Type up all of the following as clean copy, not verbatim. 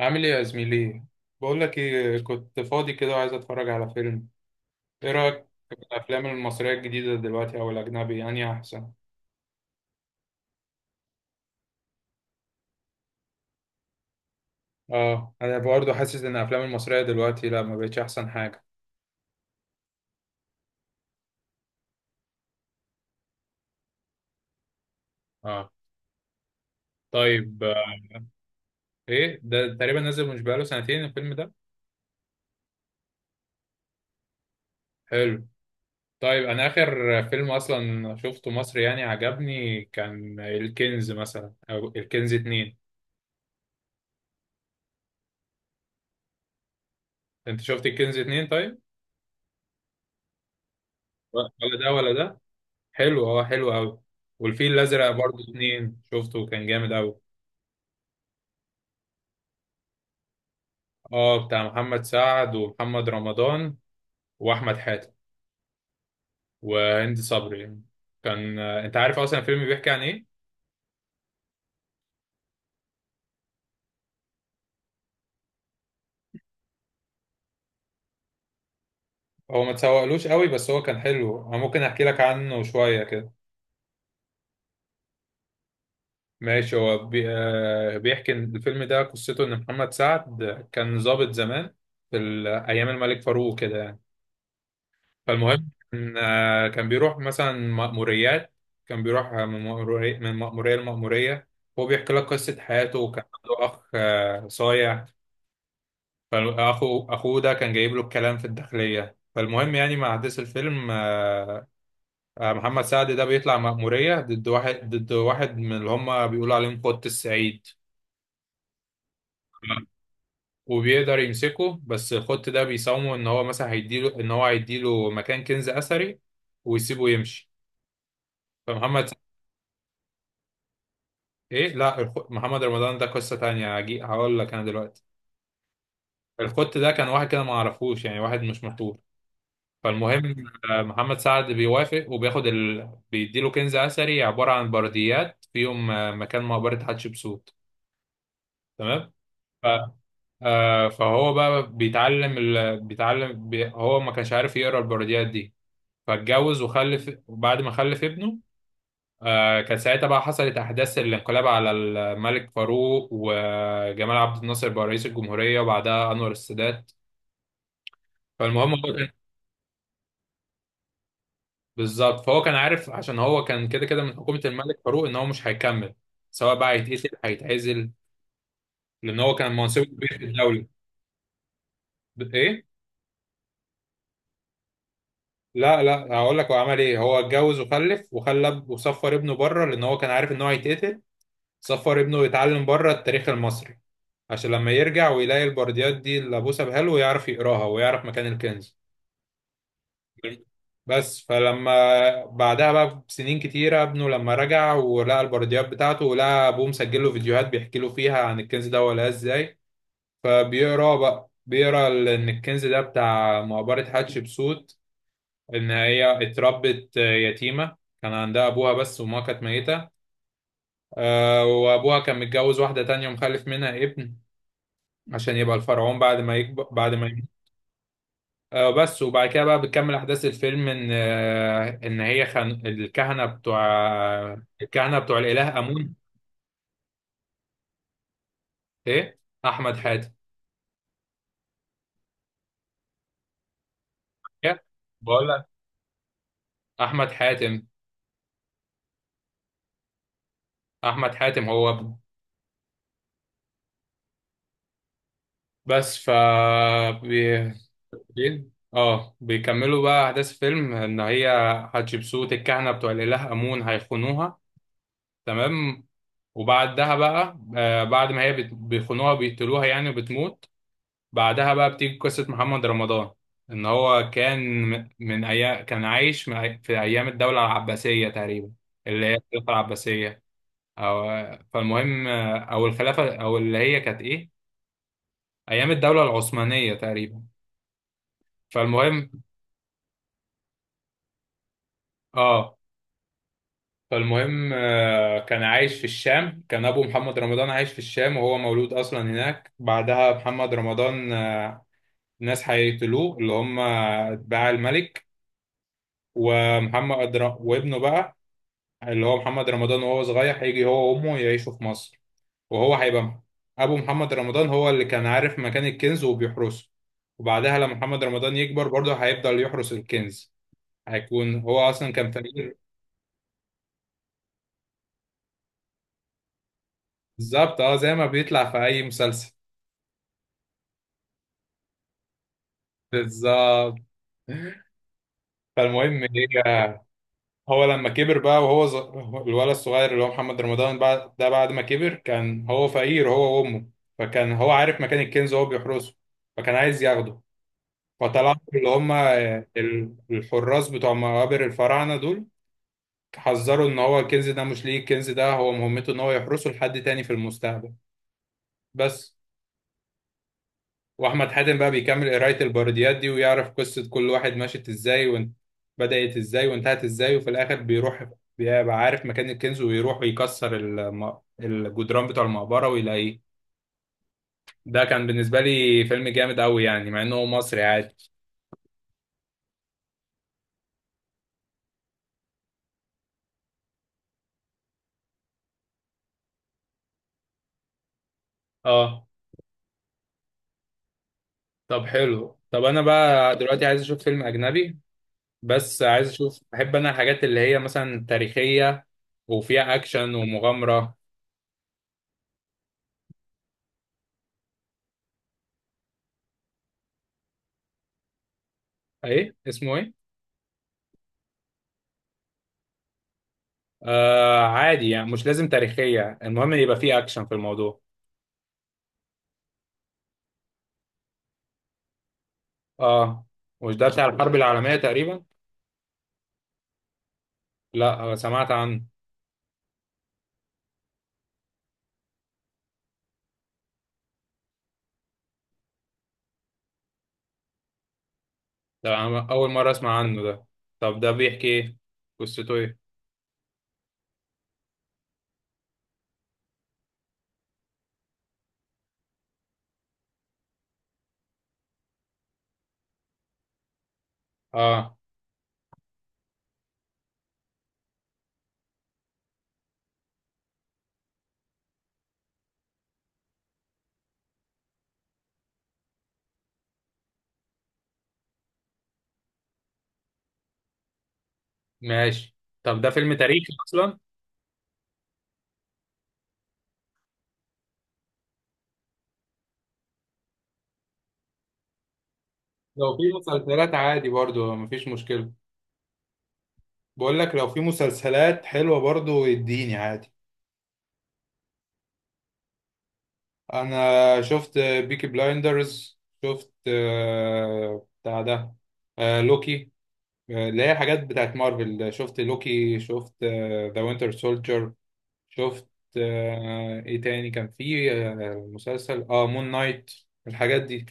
عامل ايه يا زميلي؟ بقول لك ايه، كنت فاضي كده وعايز اتفرج على فيلم. ايه رايك في الافلام المصريه الجديده دلوقتي؟ او الاجنبي يعني احسن؟ اه، انا برضه حاسس ان الافلام المصريه دلوقتي لا، ما بقتش احسن حاجه. اه طيب. ايه ده؟ تقريبا نزل، مش بقاله 2 سنين الفيلم ده. حلو. طيب، انا اخر فيلم اصلا شفته مصري يعني عجبني كان الكنز مثلا، او الكنز اتنين. انت شفت الكنز اتنين طيب. ولا ده ولا ده حلو. اه حلو قوي. والفيل الازرق برضو شفته اتنين، شفته كان جامد قوي. اه، بتاع محمد سعد ومحمد رمضان، واحمد حاتم، وهند صبري يعني. كان، انت عارف اصلا الفيلم بيحكي عن ايه؟ هو ما تسوقلوش قوي بس هو كان حلو، انا ممكن احكي لك عنه شويه كده. ماشي، هو بي... آه، بيحكي إن الفيلم ده قصته ان محمد سعد كان ضابط زمان في ايام الملك فاروق كده يعني. فالمهم إن كان بيروح مثلا مأموريات، كان بيروح من مأمورية لمأمورية. هو بيحكي لك قصة حياته، وكان عنده أخ صايع. فأخو أخوه ده كان جايب له الكلام في الداخلية، فالمهم يعني مع أحداث الفيلم، محمد سعد ده بيطلع مأمورية ضد واحد من اللي هما بيقولوا عليهم خط السعيد، وبيقدر يمسكه. بس الخط ده بيساومه إن هو هيديله مكان كنز أثري ويسيبه يمشي. فمحمد ايه لا، محمد رمضان ده قصة تانية، هقول لك انا دلوقتي. الخط ده كان واحد كده ما اعرفوش يعني، واحد مش مشهور. فالمهم محمد سعد بيوافق وبياخد بيديله كنز اثري عبارة عن برديات فيهم مكان مقبرة حتشبسوت. تمام. ف... آه، فهو بقى بيتعلم هو ما كانش عارف يقرا البرديات دي، فاتجوز وخلف، وبعد ما خلف ابنه كان ساعتها بقى حصلت أحداث الانقلاب على الملك فاروق، وجمال عبد الناصر بقى رئيس الجمهورية وبعدها أنور السادات. فالمهم هو كان. بالظبط، فهو كان عارف عشان هو كان كده كده من حكومة الملك فاروق إن هو مش هيكمل، سواء بقى هيتقتل هيتعزل، لأن هو كان منصب كبير في الدولة. إيه؟ لا لا، هقول لك هو عمل إيه. هو اتجوز وخلف، وخلى وصفر ابنه بره لأن هو كان عارف إن هو هيتقتل. سفر ابنه يتعلم بره التاريخ المصري عشان لما يرجع ويلاقي البرديات دي اللي ابوه سابها له يعرف يقراها ويعرف مكان الكنز. بس فلما بعدها بقى بسنين كتيرة، ابنه لما رجع ولقى البرديات بتاعته ولقى ابوه مسجل له فيديوهات بيحكي له فيها عن الكنز ده ولا ازاي، فبيقرا بقى بيقرا ان الكنز ده بتاع مقبرة حتشبسوت، ان هي اتربت يتيمة، كان عندها ابوها بس وما كانت ميتة. وابوها كان متجوز واحدة تانية ومخلف منها ابن عشان يبقى الفرعون بعد ما يكبر، بعد ما يموت. آه بس. وبعد كده بقى بتكمل احداث الفيلم ان هي الكهنه بتوع الاله امون. ايه احمد حاتم. إيه؟ بقول لك، احمد حاتم. احمد حاتم هو ابنه. بس ف بي... بيكملوا بقى احداث الفيلم ان هي حتشبسوت، الكهنه بتوع الاله امون هيخونوها. تمام. وبعدها بقى آه بعد ما هي بيخونوها بيقتلوها يعني، وبتموت. بعدها بقى بتيجي قصة محمد رمضان. إن هو كان من أيام، كان عايش في أيام الدولة العباسية تقريبا، اللي هي الخلافة العباسية. أو، فالمهم، أو الخلافة، أو اللي هي كانت إيه، أيام الدولة العثمانية تقريبا. فالمهم آه فالمهم كان عايش في الشام، كان أبو محمد رمضان عايش في الشام وهو مولود أصلا هناك. بعدها محمد رمضان، ناس هيقتلوه اللي هم أتباع الملك. وابنه بقى اللي هو محمد رمضان، وهو صغير هيجي هو وامه يعيشوا في مصر. وهو هيبقى ابو محمد رمضان هو اللي كان عارف مكان الكنز وبيحرسه. وبعدها لما محمد رمضان يكبر برضه هيفضل يحرس الكنز. هيكون هو اصلا كان فقير. بالظبط، اه زي ما بيطلع في اي مسلسل. بالظبط. فالمهم ايه، هو لما كبر بقى وهو الولد الصغير اللي هو محمد رمضان بعد ده بعد ما كبر، كان هو فقير هو وامه. فكان هو عارف مكان الكنز وهو بيحرسه. فكان عايز ياخده. فطلعوا اللي هم الحراس بتوع مقابر الفراعنة دول، حذروا ان هو الكنز ده مش ليه، الكنز ده هو مهمته ان هو يحرسه لحد تاني في المستقبل. بس. واحمد حاتم بقى بيكمل قراية البرديات دي ويعرف قصة كل واحد مشت ازاي، وان بدأت ازاي وانتهت ازاي، وفي الاخر بيروح، بيبقى عارف مكان الكنز، ويروح ويكسر الجدران بتوع المقبرة ويلاقيه. ده كان بالنسبة لي فيلم جامد قوي يعني، مع انه مصري عادي. اه، طب حلو. طب انا بقى دلوقتي عايز اشوف فيلم اجنبي، بس عايز اشوف، بحب انا الحاجات اللي هي مثلا تاريخية وفيها اكشن ومغامرة. ايه اسمه ايه؟ آه عادي يعني مش لازم تاريخية، المهم يبقى فيه اكشن في الموضوع. اه مش ده بتاع الحرب العالمية تقريبا؟ لا، سمعت عنه. ده أنا اول مرة اسمع عنه ده. طب ده بيحكي ايه؟ قصته ايه؟ اه ماشي. طب ده فيلم تاريخي اصلا؟ لو في مسلسلات عادي برضو مفيش مشكلة. بقول لك لو في مسلسلات حلوة برضو يديني عادي. انا شفت بيكي بلايندرز. شفت بتاع ده، لوكي، اللي هي حاجات بتاعت مارفل. شفت لوكي، شفت ذا وينتر سولجر. شفت ايه تاني كان في، مسلسل اه مون نايت، الحاجات دي.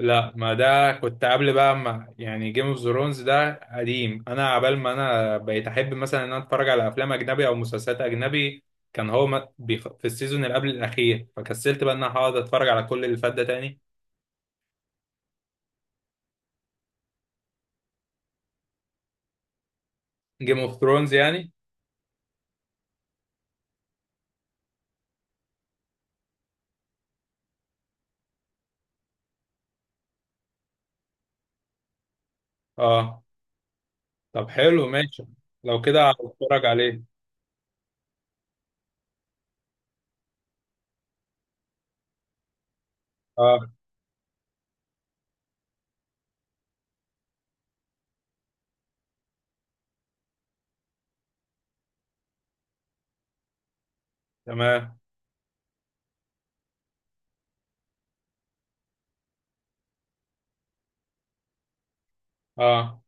لا، ما ده كنت قبل بقى، ما يعني جيم اوف ثرونز ده قديم. انا عبال ما انا بقيت احب مثلا ان انا اتفرج على افلام اجنبي او مسلسلات اجنبي، كان هو في السيزون اللي قبل الاخير، فكسلت بقى ان انا هقعد اتفرج على كل اللي فات ده تاني. جيم اوف ثرونز يعني. اه، طب حلو ماشي، لو كده هتفرج عليه. اه تمام. اه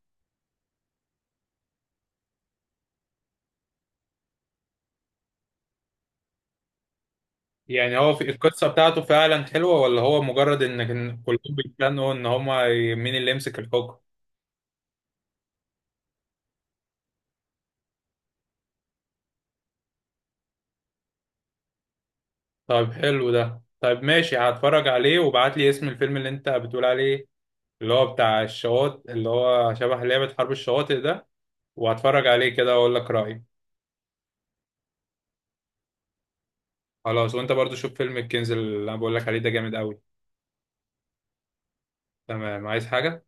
يعني، هو في القصة بتاعته فعلا حلوة، ولا هو مجرد ان كان كلهم بيتخانقوا ان هما مين اللي يمسك الحكم؟ طيب حلو ده، طيب ماشي هتفرج عليه وابعت لي اسم الفيلم اللي انت بتقول عليه، اللي هو بتاع الشواطئ، اللي هو شبه لعبة حرب الشواطئ ده. وهتفرج عليه كده واقول لك رأيي. خلاص، وانت برضو شوف فيلم الكنز اللي انا بقول لك عليه ده جامد قوي. تمام، عايز حاجة؟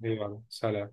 يلا سلام.